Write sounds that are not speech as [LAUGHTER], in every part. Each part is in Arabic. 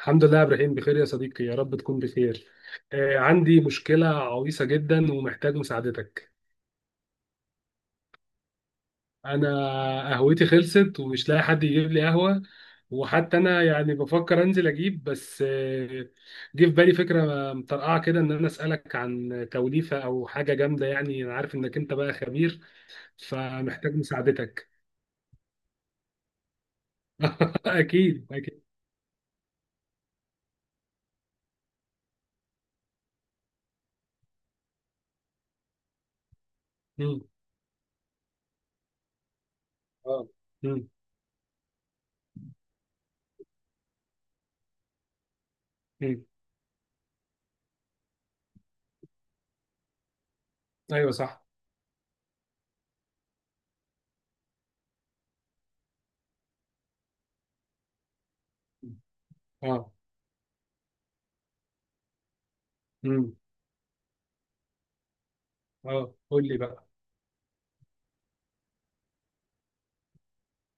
الحمد لله يا ابراهيم، بخير يا صديقي، يا رب تكون بخير. عندي مشكلة عويصة جدا ومحتاج مساعدتك. انا قهوتي خلصت ومش لاقي حد يجيب لي قهوة. وحتى انا يعني بفكر انزل اجيب، بس جه في بالي فكرة مطرقعة كده ان انا اسألك عن توليفة او حاجة جامدة، يعني انا عارف انك انت بقى خبير فمحتاج مساعدتك. [LAUGHS] اكيد اكيد. مم. اه. مم. مم. ايوه صح. اه. مم. اه، قول لي بقى.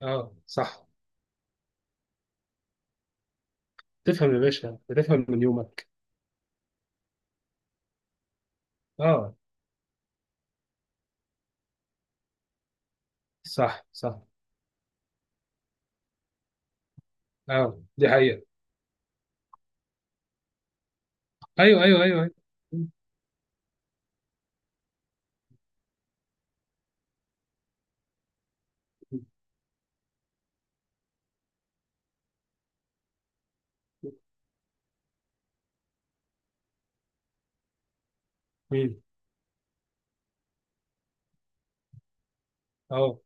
اه صح. تفهم يا باشا، بتفهم من يومك. اه صح صح. اه، دي حقيقة. ايوه ايوه ايوه ايوه. مم. اه،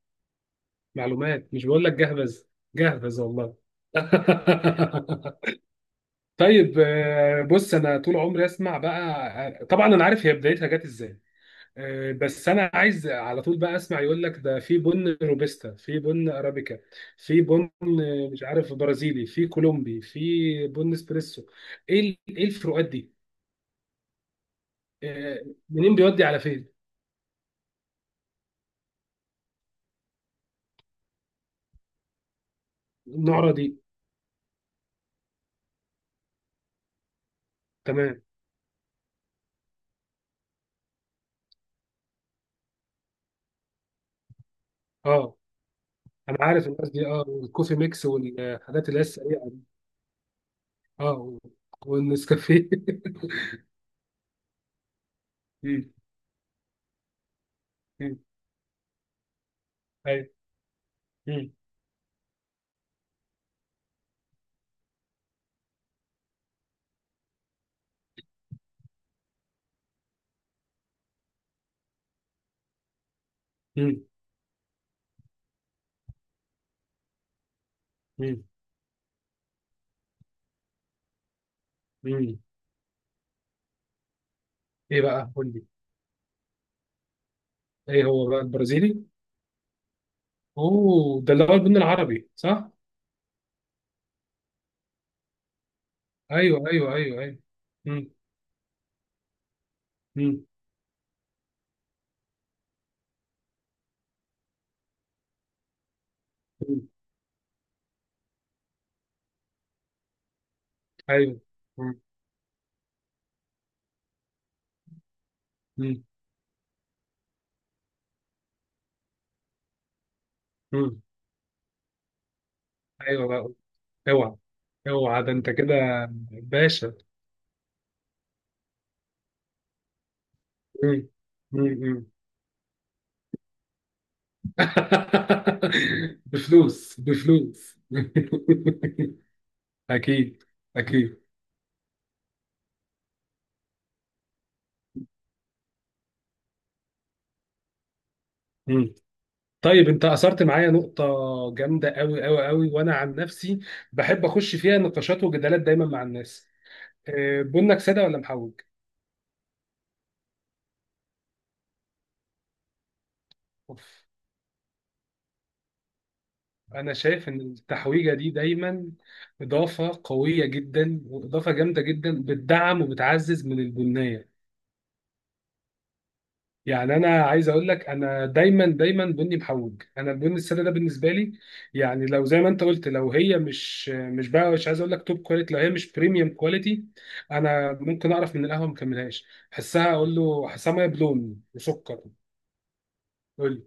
معلومات، مش بقول لك جهبذ؟ جهبذ والله. [LAUGHS] طيب، بص انا طول عمري اسمع بقى. طبعا انا عارف هي بدايتها جت ازاي. بس انا عايز على طول بقى اسمع، يقول لك ده في بن روبستا، في بن ارابيكا، في بن، مش عارف، برازيلي، في كولومبي، في بن اسبريسو. ايه الفروقات دي؟ آه، منين بيودي على فين؟ النعره دي. تمام. اه، انا عارف الناس دي، اه، والكوفي ميكس والحاجات اللي هي السريعه دي. اه، والنسكافيه. [LAUGHS] مم، مم، ايوه. مم، مم، مم، مم. ايه بقى، قول لي. ايه هو بقى، البرازيلي؟ اوه، ده اللي هو البن العربي صح؟ ايوه ايوه ايوه ايوه. مم، مم، مم، ايوه. مم، مم، مم. ايوه بقى. اوعى. اوعى، ده انت كده باشا. مم، مم، [LAUGHS] بفلوس بفلوس. [LAUGHS] اكيد اكيد. مم. طيب، انت اثرت معايا نقطه جامده قوي قوي قوي، وانا عن نفسي بحب اخش فيها نقاشات وجدالات دايما مع الناس. بنك ساده ولا محوج؟ أوف. انا شايف ان التحويجه دي دايما اضافه قويه جدا واضافه جامده جدا، بتدعم وبتعزز من البنيه. يعني انا عايز اقول لك، انا دايما دايما بني محوج، انا البن الساده ده بالنسبه لي، يعني لو زي ما انت قلت، لو هي مش بقى، مش عايز اقول لك توب كواليتي، لو هي مش بريميوم كواليتي، انا ممكن اعرف من القهوه ما كملهاش، احسها، اقول له احسها ميه بلون وسكر. يقول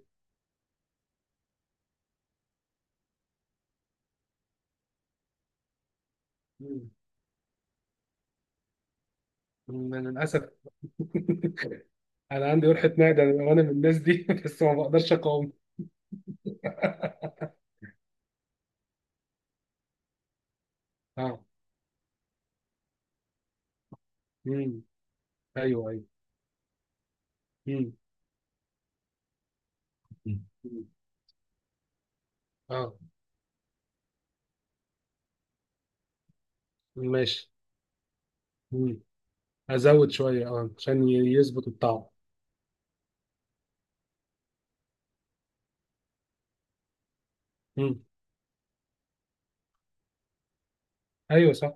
لي "مم، انا للاسف انا عندي قرحه معده انا، وأنا من الناس دي. [LAUGHS] بس ما بقدرش اقاوم. اه. امم. ايوه ايوه. امم. اه. ماشي. امم. ازود شويه اه، عشان يظبط الطعم. ايوه صح.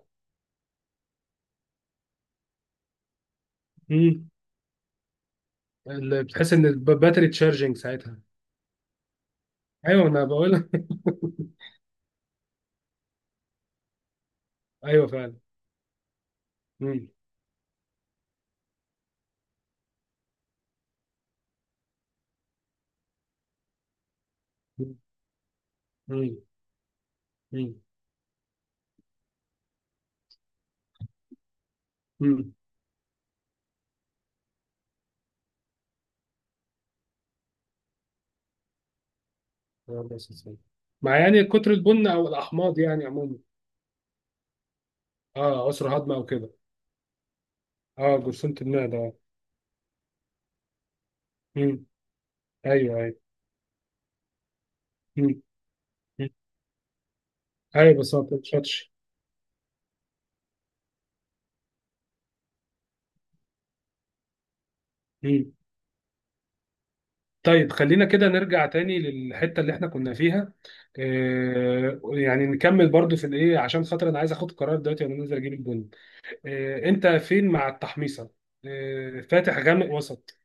امم. بتحس ان الباتري تشارجنج ساعتها. ايوه انا بقول لك. [LAUGHS] ايوه فعلا. امم. امم. امم. امم. الله يسلمك. مع يعني كتر البن او الاحماض يعني عموما. اه، عسر هضم او كده. اه، جرثومه المعده اه. امم. ايوه ايوه. امم. أمم. ايوه، بس ما بتنشطش. امم. طيب خلينا كده نرجع تاني للحته اللي احنا كنا فيها. آه يعني نكمل برضو في الايه، عشان خاطر انا عايز اخد قرار دلوقتي وانا نازل اجيب البن. إيه، انت فين مع التحميصه؟ إيه، فاتح غامق وسط؟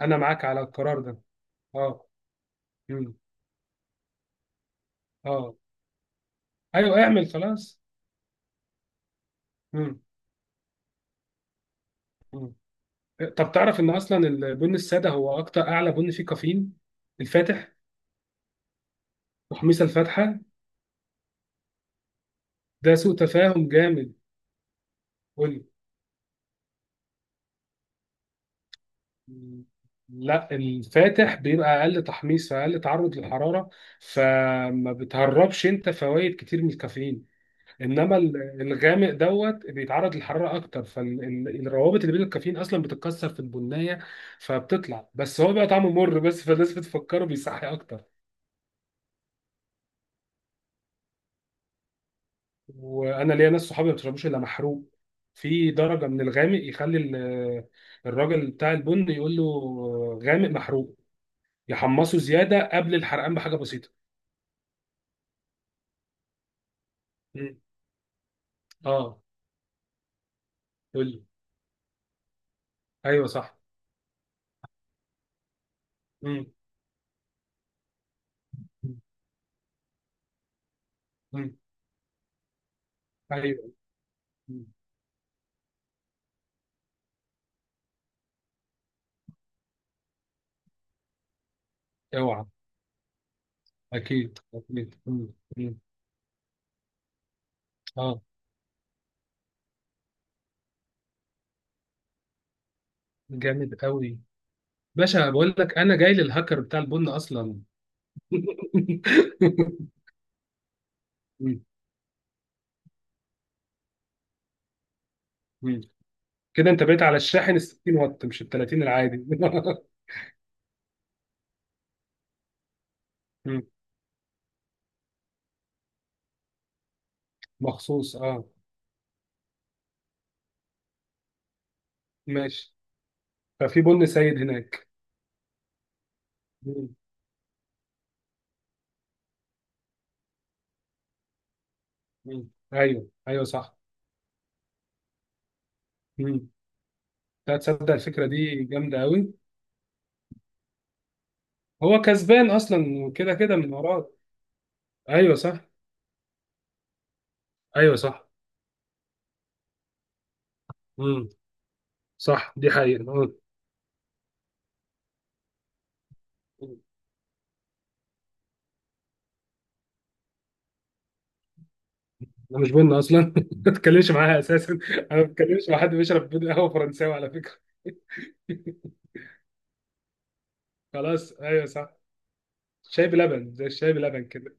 انا معاك على القرار ده. اه. مم. اه. ايوه اعمل خلاص. مم. مم. طب تعرف ان اصلا البن الساده هو اكتر اعلى بن فيه كافيين؟ الفاتح. تحميصه الفاتحه. ده سوء تفاهم جامد. قول لي. مم. لا، الفاتح بيبقى اقل تحميص، فاقل تعرض للحراره، فما بتهربش انت فوائد كتير من الكافيين. انما الغامق دوت بيتعرض للحراره اكتر، فالروابط اللي بين الكافيين اصلا بتتكسر في البنيه، فبتطلع، بس هو بقى طعمه مر بس، فالناس بتفكره بيصحي اكتر. وانا ليا ناس صحابي ما بيشربوش الا محروق. في درجه من الغامق يخلي الراجل بتاع البن يقول له غامق محروق، يحمصه زياده قبل الحرقان بحاجه بسيطه. مم. اه. يقول لي. ايوه صح. مم. مم. ايوه. مم. اوعى. اكيد اكيد. مم. مم. اه، جامد قوي. باشا بقول لك انا جاي للهاكر بتاع البن اصلا. [LAUGHS] مم. مم. كده انت بقيت على الشاحن ال 60 واط مش ال 30 العادي. [LAUGHS] مم. مخصوص اه. ماشي. ففي بن سيد هناك. مم. مم. ايوه ايوه صح. مم. لا تصدق، الفكره دي جامده قوي. هو كسبان اصلا وكده كده من وراك. ايوه صح. ايوه صح. مم. صح، دي حقيقه. آه. انا مش بن اصلا. [LAUGHS] ما بتكلمش معاها اساسا. انا ما بتكلمش مع حد بيشرب بن قهوه فرنساوي على فكره. [LAUGHS] خلاص، ايوه صح. شاي بلبن، زي الشاي بلبن كده.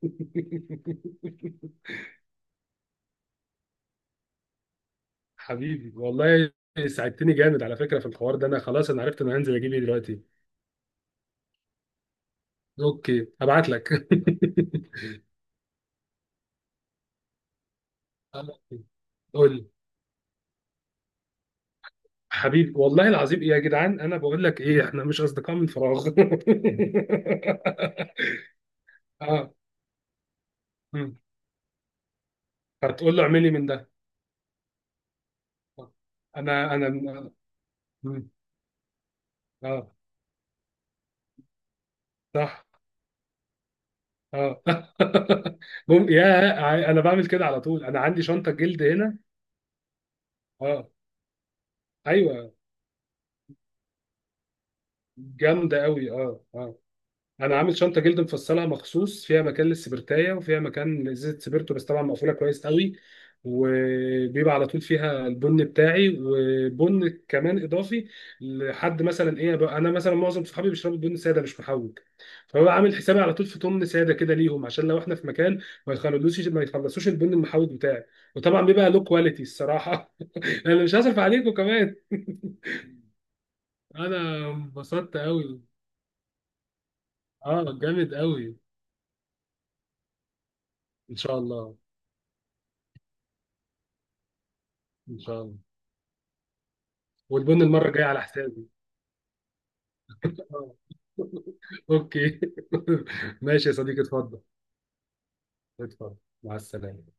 [LAUGHS] حبيبي والله، ساعدتني جامد على فكره في الحوار ده، انا خلاص انا عرفت انا هنزل اجيب ايه دلوقتي. اوكي هبعت لك. [LAUGHS] قول لي. حبيبي والله العظيم، إيه يا جدعان، انا بقول لك ايه، احنا مش اصدقاء من فراغ. [LAUGHS] اه. مم. هتقول له اعملي من ده. انا. مم. اه. صح. اه. [LAUGHS] يا ع-، انا بعمل كده على طول، انا عندي شنطه جلد هنا. اه. ايوه، جامده قوي، اه اه. انا عامل شنطه جلد مفصله مخصوص، فيها مكان للسبرتايه وفيها مكان لازازه سبرتو، بس طبعا مقفوله كويس قوي. وبيبقى على طول فيها البن بتاعي وبن كمان اضافي. لحد مثلا ايه بقى، انا مثلا معظم صحابي بيشربوا بن ساده مش محوج، فببقى عامل حسابي على طول في تمن ساده كده ليهم، عشان لو احنا في مكان ما يخلصوش ما يخلصوش البن المحوج بتاعي. وطبعا بيبقى له كواليتي الصراحه. [LAUGHS] انا مش هصرف عليكم كمان. انا انبسطت قوي، اه جامد قوي. ان شاء الله. ان شاء الله. والبن المره الجايه على حسابي. آه. [LAUGHS] اوكي. [LAUGHS] ماشي يا صديقي، اتفضل. اتفضل. مع السلامه.